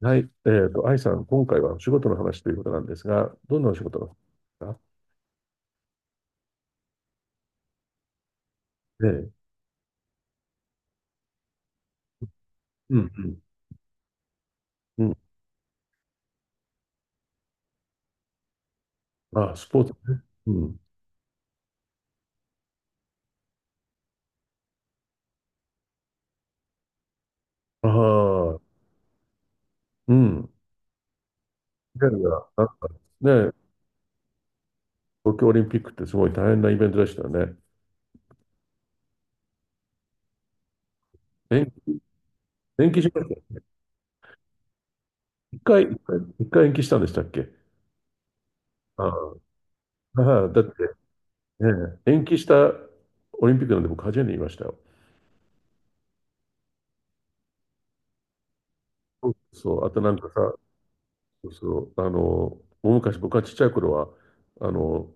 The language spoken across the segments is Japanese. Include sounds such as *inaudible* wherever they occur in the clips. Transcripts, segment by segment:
はい。愛さん、今回はお仕事の話ということなんですが、どんなお仕事の話ですか？ええ。うん、うん、うん。あ、スポーツね。うん。ああ、うん。いやいや、なんかね、東京オリンピックってすごい大変なイベントでしたよね。延、延期しました。一回延期したんでしたっけ？ああ、ああだって、ね、延期したオリンピックなんて僕初めて見ましたよ。そうそう、あとなんかさ、そうそう、大昔僕がちっちゃい頃は、あの、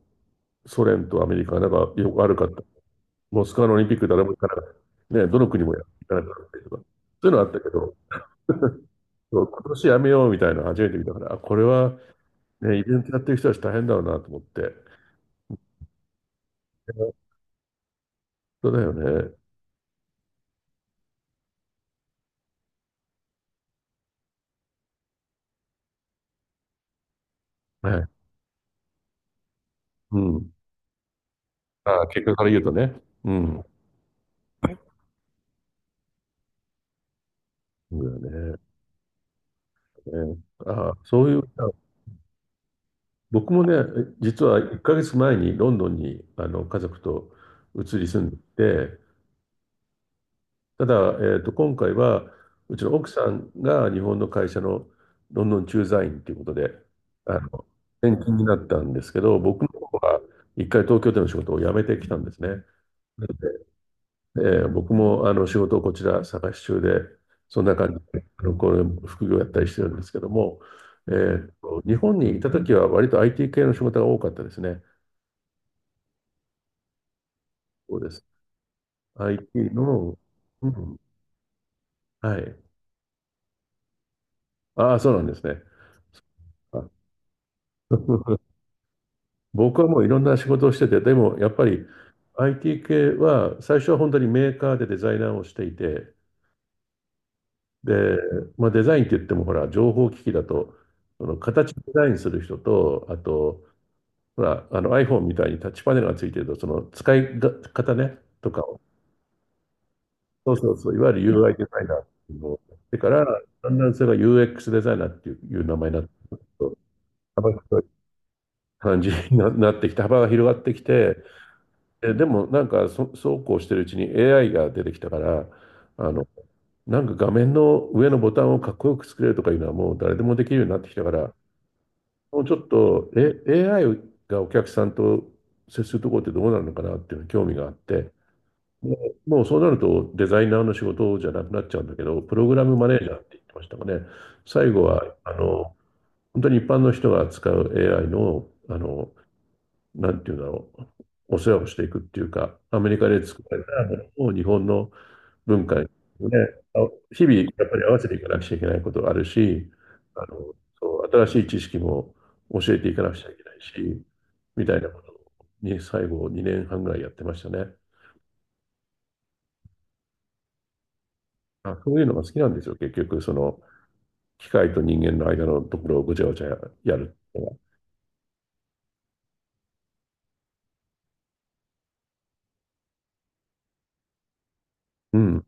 ソ連とアメリカが仲良く悪かった。モスクワのオリンピック誰も行かなかった。ね、どの国もやらなかったりとか。そういうのあったけど、*laughs* 今年やめようみたいなの初めて見たから、あ、これは、ね、イベントやってる人たち大変だろうなと思って。ね、そうだよね。はい。うん。あ、結果から言うとね。うん。そうだよね。ね、あそういう、あ、僕もね、実は1ヶ月前にロンドンに家族と移り住んでて、ただ、今回は、うちの奥さんが日本の会社のロンドン駐在員ということで、あの、転勤になったんですけど、僕の方は一回東京での仕事を辞めてきたんですね。なので、僕も仕事をこちら探し中で、そんな感じで、これ副業やったりしてるんですけども、日本にいた時は割と IT 系の仕事が多かったですね。そうです。IT の、うん、はい。ああ、そうなんですね。あ、 *laughs* 僕はもういろんな仕事をしてて、でもやっぱり IT 系は最初は本当にメーカーでデザイナーをしていて、で、まあ、デザインって言ってもほら、情報機器だと、その形デザインする人と、あと、ほら、あの iPhone みたいにタッチパネルがついてると、その使いが方ね、とかを、そうそうそう、いわゆる UI デザイナーっていうのをやってから、だんだんそれが UX デザイナーっていう、名前になって、幅広い感じにななってきて、幅が広がってきて、でもなんかそうこうしてるうちに AI が出てきたから、あの、なんか画面の上のボタンをかっこよく作れるとかいうのはもう誰でもできるようになってきたから、もうちょっと、AI がお客さんと接するところってどうなるのかなっていうのに興味があって、ももうそうなるとデザイナーの仕事じゃなくなっちゃうんだけど、プログラムマネージャーって言ってましたかね。最後は、本当に一般の人が使う AI の、なんていうんだろう、お世話をしていくっていうか、アメリカで作られたものを日本の文化に、ね、あ、日々やっぱり合わせていかなくちゃいけないことがあるし、あの、そう、新しい知識も教えていかなくちゃいけないし、みたいなことに最後2年半ぐらいやってましたね。あ、そういうのが好きなんですよ、結局、その、機械と人間の間のところをごちゃごちゃやるっていうのは。うん、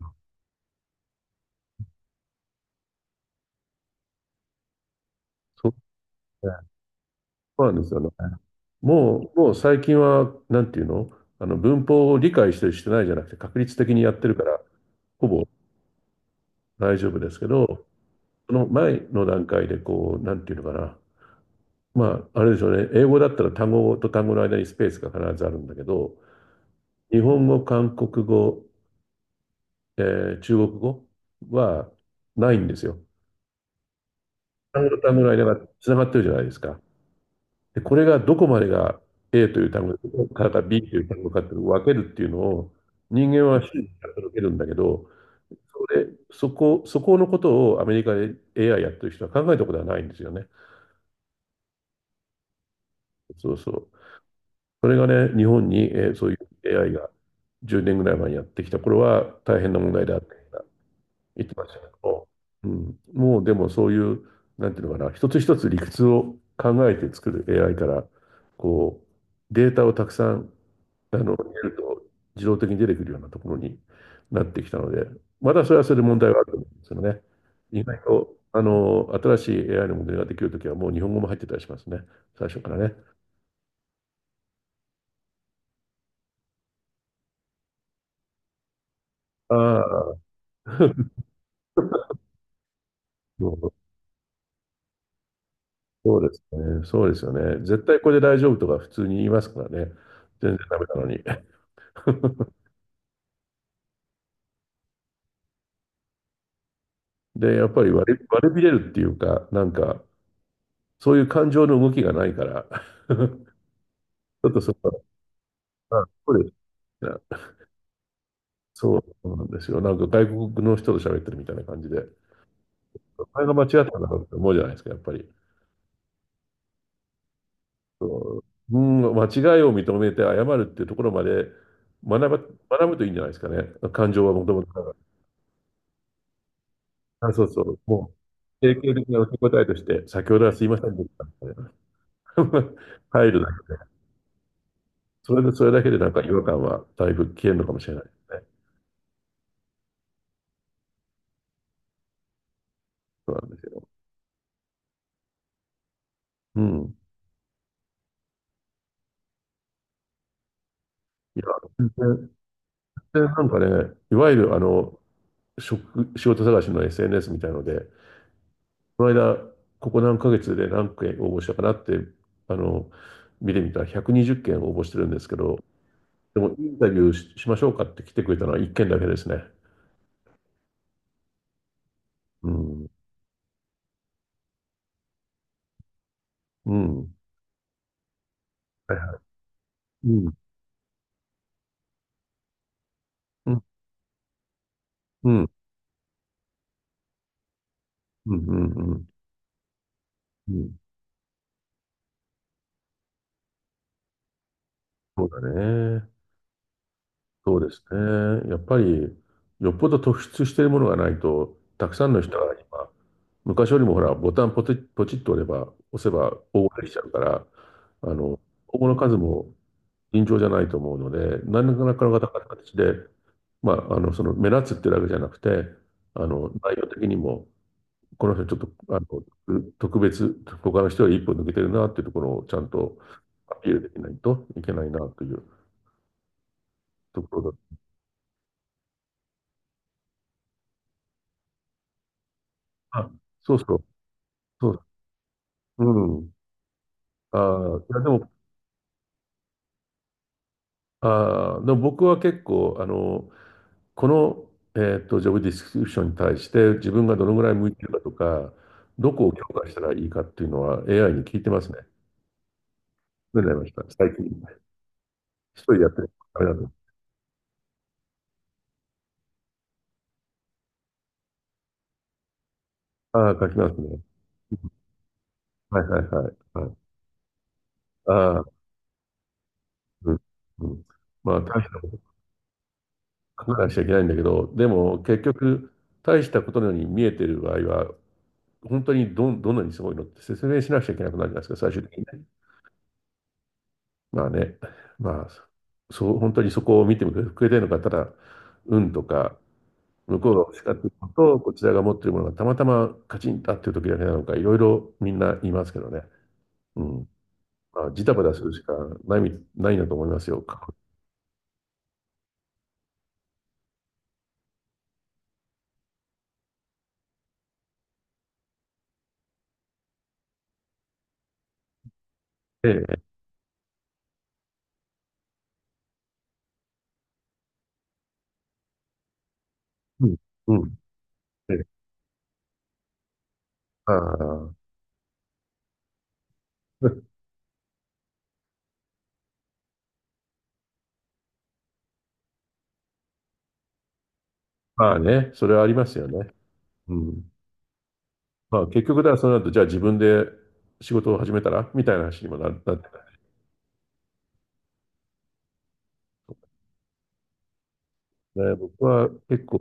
そうですね。そうなんですよね。もう最近は、なんていうの、文法を理解してる、してないじゃなくて、確率的にやってるから、ほぼ大丈夫ですけど、その前の段階で、こう、なんていうのかな。まあ、あれでしょうね。英語だったら単語と単語の間にスペースが必ずあるんだけど、日本語、韓国語、え中国語はないんですよ。単語と単語の間がつながってるじゃないですか。で、これがどこまでが A という単語からか B という単語かっていうのを分けるっていうのを人間は瞬時に届けるんだけど、そこのことをアメリカで AI やってる人は考えたことはないんですよね。そうそう。それがね、日本に、そういう AI が10年ぐらい前にやってきた頃は大変な問題であった。行きましたけど、うん、もうでもそういう、なんていうのかな、一つ一つ理屈を考えて作る AI から、こう、データをたくさん、入れると自動的に出てくるようなところになってきたので、まだそれはそれで問題はあると思うんですよね。意外と、新しい AI のモデルができるときはもう日本語も入ってたりしますね。最初からね。ああ、*laughs* そうそうですね。そうですよね。絶対これで大丈夫とか普通に言いますからね。全然ダメなのに。*laughs* で、やっぱり割れびれるっていうか、なんか、そういう感情の動きがないから、*laughs* ちょっとそこは、あ、そうですね。そうそうなんですよ。なんか外国の人と喋ってるみたいな感じで、あれが間違ったんだろうって思うじゃないですか、やっぱり。そう、うん、間違いを認めて謝るっていうところまで学学ぶといいんじゃないですかね。感情はもともとだから。あ、そうそう。もう、定型的な受け答えとして、先ほどはすいませんでした。みたいな *laughs* 入る。それで、それだけでなんか違和感はだいぶ消えるのかもしれないですね。そうなんですよ。うん。いや、全然なんかね、いわゆる仕事探しの SNS みたいので、この間、ここ何ヶ月で何件応募したかなって、あの、見てみたら120件応募してるんですけど、でもインタビューし、しましょうかって来てくれたのは1件だけですね。うん。うん。はいはい。うん。うん。うん。うん。うん。うん。うん、そうだね。そうですね。やっぱり、よっぽど突出しているものがないと、たくさんの人が今、昔よりもほら、ボタンポチ、ポチッと押せば大募できちゃうから、あの、応募の数も尋常じゃないと思うので、何らかの形で、まあ、その目立つってだけじゃなくて、内容的にも、この人ちょっと、特別、他の人より一歩抜けてるなっていうところをちゃんとアピールできないといけないなというところだ。あ、そうそう。うん。ああ、いやでも、ああ、でも僕は結構、この、ジョブディスクリプションに対して自分がどのぐらい向いてるかとか、どこを強化したらいいかっていうのは AI に聞いてますね。どうなりました最近。一人でやってる。あれだと。ああ、書きますね。うん、はいはいはい。はい、ああ、うん。うん。まあ、大したこと書かなくちゃいけないんだけど、でも結局、大したことのように見えてる場合は、本当にどんなにすごいのって説明しなくちゃいけなくなるじゃないですか、最終的にね。まあね、まあ、そう、本当にそこを見てくれてるのか、ただ、運とか、向こうが欲しかったものと、こちらが持ってるものがたまたまカチンと合ってる時だけなのか、いろいろみんな言いますけどね。うん。まあ、ジタバタするしかないなと思いますよ。ええ。うん。うん。ええ。ああ。*laughs* まあね、それはありますよね。うん。まあ結局だらその後、じゃあ自分で仕事を始めたらみたいな話にもなっ、ね、僕は結構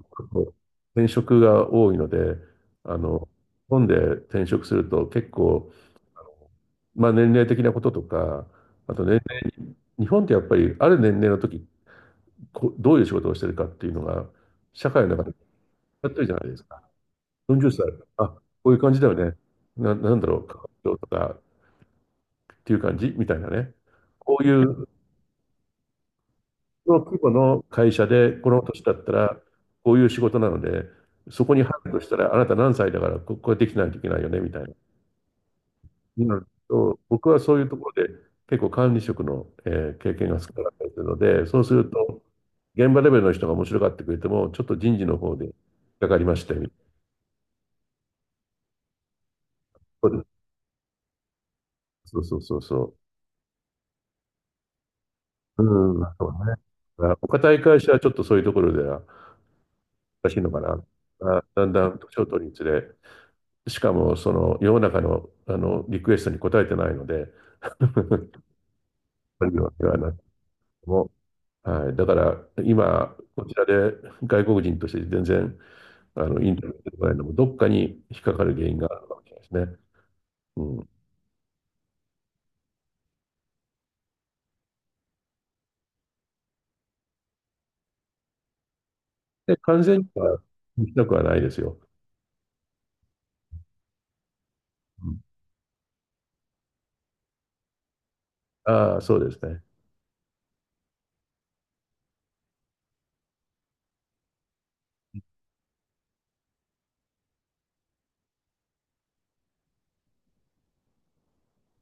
転職が多いので、あの、日本で転職すると結構、まあ年齢的なこととか、あと年齢、日本ってやっぱりある年齢の時、こどういう仕事をしてるかっていうのが、社会の中でやってるじゃないですか。40歳、あ、こういう感じだよね。なんだろう、とかっていう感じみたいなね。こういうの規模の会社で、この年だったら、こういう仕事なので、そこに入るとしたら、あなた何歳だから、ここれできないといけないよね、みたいな。になると、僕はそういうところで、結構管理職の、経験が少なかったりするので、そうすると、現場レベルの人が面白がってくれても、ちょっと人事の方で引っかかりまして、そうです、うん、そうね。だからお堅い会社はちょっとそういうところでは難しいのかな。あ、だんだん年を取るにつれ、しかも、その世の中の、あのリクエストに応えてないので、 *laughs*、はなくも、はい、だから今、こちらで外国人として全然あのインタビューしてもらえるのも、どっかに引っかかる原因があるかもしれないですね。うん、で、完全には行きたくはないですよ。うん、ああ、そうですね。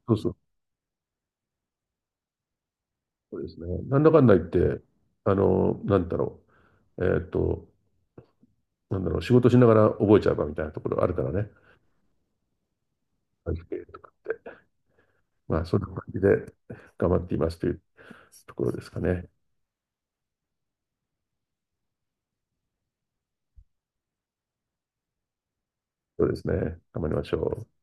そうそう、そうですね。なんだかんだ言って、なんだろう、えーっーと、なんだろう、仕事しながら覚えちゃうかみたいなところあるからね、背景とかって。まあ、そんな感じで頑張っていますというところですかね。そうですね。頑張りましょう。